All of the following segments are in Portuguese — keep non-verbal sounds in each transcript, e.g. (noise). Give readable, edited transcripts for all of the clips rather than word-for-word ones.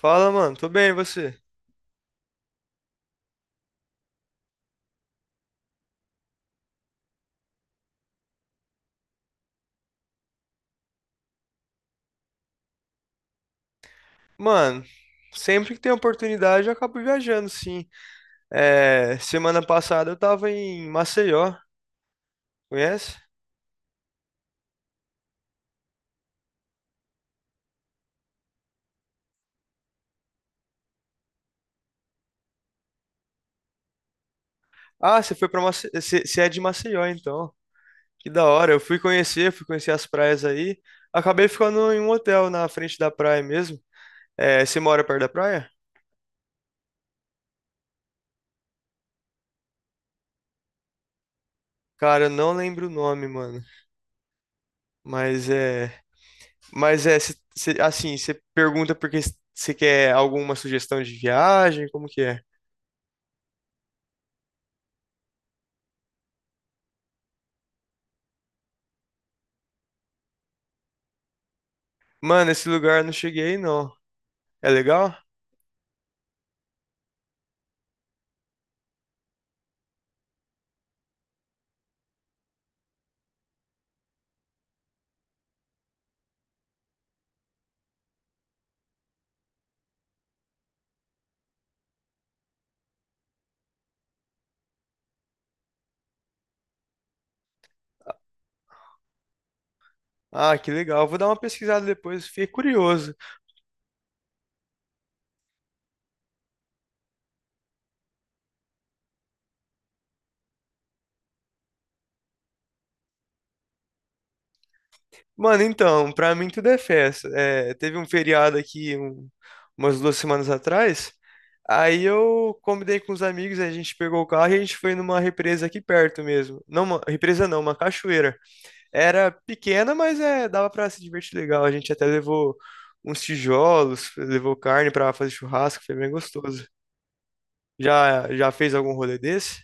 Fala, mano. Tô bem, e você? Mano, sempre que tem oportunidade eu acabo viajando, sim. É, semana passada eu tava em Maceió, conhece? Ah, você foi pra Maceió. Você é de Maceió, então. Que da hora. Eu fui conhecer as praias aí. Acabei ficando em um hotel na frente da praia mesmo. É, você mora perto da praia? Cara, eu não lembro o nome, mano. Mas é. Assim, você pergunta porque você quer alguma sugestão de viagem? Como que é? Mano, esse lugar eu não cheguei, não. É legal? Ah, que legal. Vou dar uma pesquisada depois, fiquei curioso. Mano, então, pra mim tudo é festa. É, teve um feriado aqui umas 2 semanas atrás. Aí eu combinei com os amigos, a gente pegou o carro e a gente foi numa represa aqui perto mesmo. Não, uma represa não, uma cachoeira. Era pequena, mas é, dava pra se divertir legal. A gente até levou uns tijolos, levou carne pra fazer churrasco, foi bem gostoso. Já fez algum rolê desse?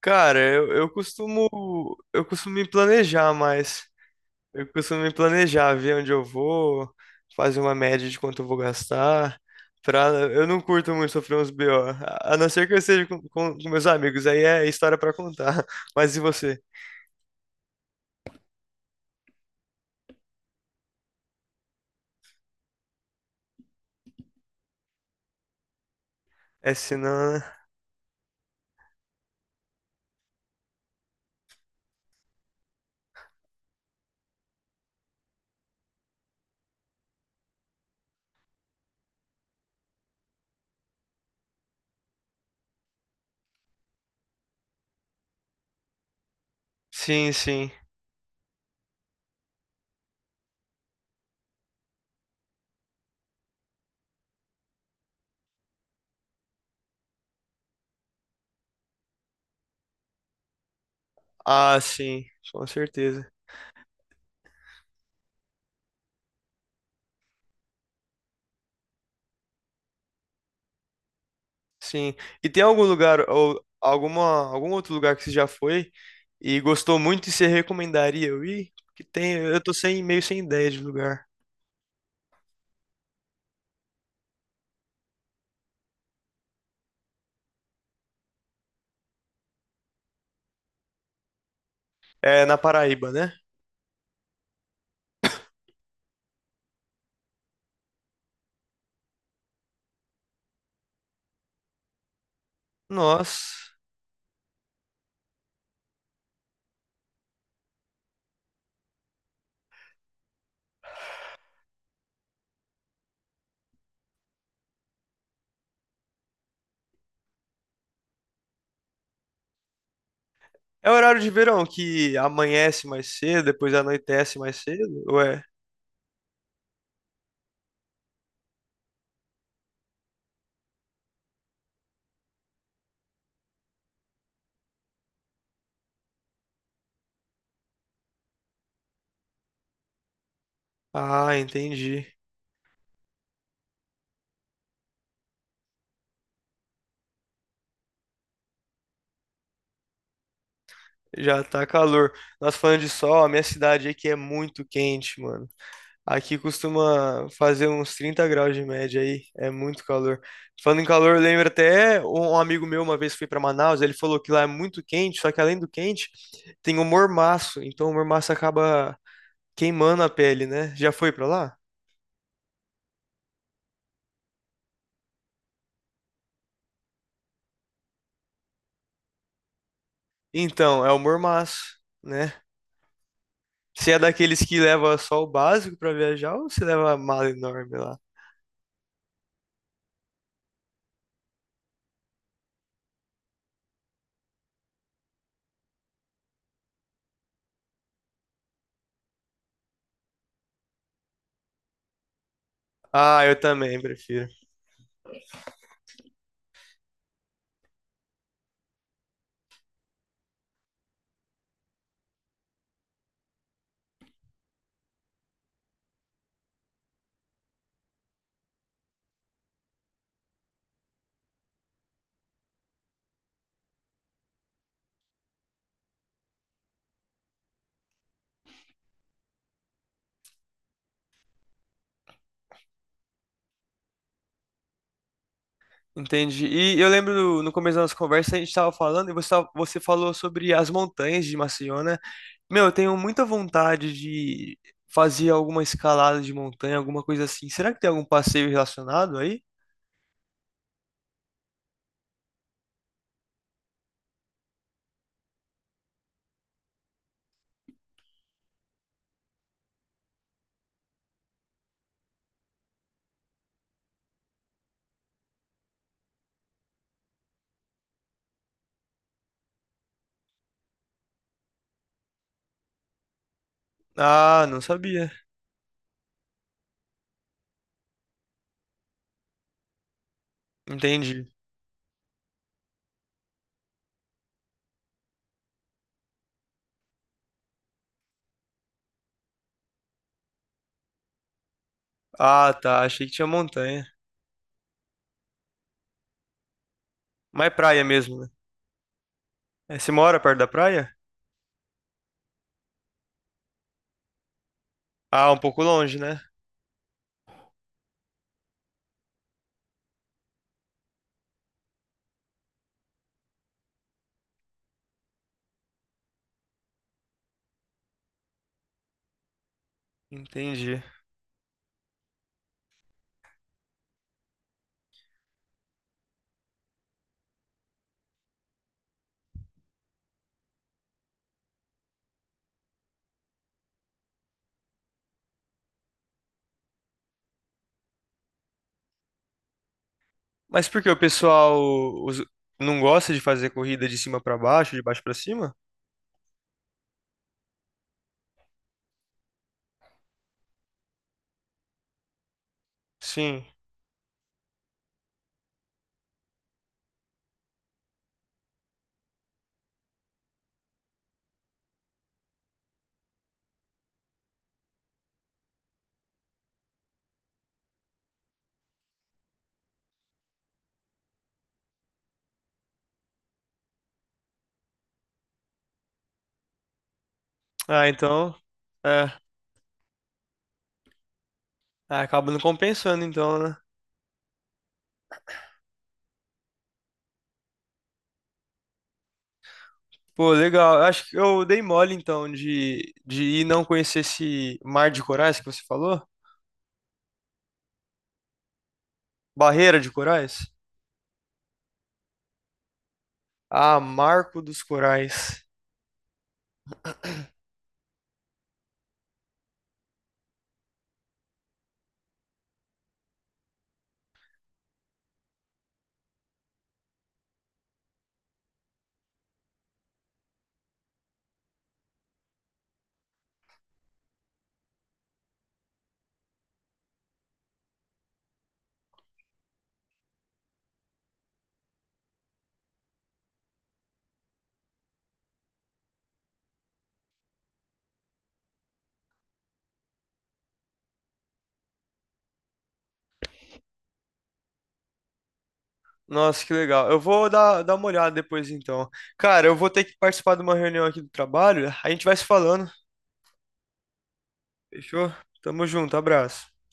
Cara, eu costumo me planejar mais. Eu costumo me planejar, ver onde eu vou, fazer uma média de quanto eu vou gastar. Pra, eu não curto muito sofrer uns BO, a não ser que eu esteja com meus amigos, aí é história pra contar. (laughs) Mas e você? É se não, né? Sim, sim. Ah, sim, com certeza. Sim. E tem algum lugar ou alguma, algum outro lugar que você já foi e gostou muito e você recomendaria eu ir? Que tem, eu tô sem, meio sem ideia de lugar. É na Paraíba, né? Nossa. É o horário de verão que amanhece mais cedo, depois anoitece mais cedo? Ué. Ah, entendi. Já tá calor. Nós falando de sol, a minha cidade aqui é muito quente, mano. Aqui costuma fazer uns 30 graus de média aí, é muito calor. Falando em calor, eu lembro até um amigo meu uma vez foi para Manaus, ele falou que lá é muito quente, só que além do quente, tem o mormaço, então o mormaço acaba queimando a pele, né? Já foi para lá? Então, é o mormaço, né? Você é daqueles que leva só o básico para viajar ou você leva a mala enorme lá? Ah, eu também prefiro. Entendi. E eu lembro no começo da nossa conversa, a gente estava falando e você falou sobre as montanhas de Maceió, né? Meu, eu tenho muita vontade de fazer alguma escalada de montanha, alguma coisa assim. Será que tem algum passeio relacionado aí? Ah, não sabia. Entendi. Ah, tá. Achei que tinha montanha. Mas é praia mesmo, né? É, você mora perto da praia? Ah, um pouco longe, né? Entendi. Mas por que o pessoal os- não gosta de fazer corrida de cima pra baixo, de baixo pra cima? Sim. Ah, então. É. Ah, acaba não compensando, então, né? Pô, legal. Acho que eu dei mole então de ir não conhecer esse mar de corais que você falou. Barreira de corais? Ah, Marco dos Corais. Nossa, que legal. Eu vou dar uma olhada depois então. Cara, eu vou ter que participar de uma reunião aqui do trabalho. A gente vai se falando. Fechou? Tamo junto, abraço.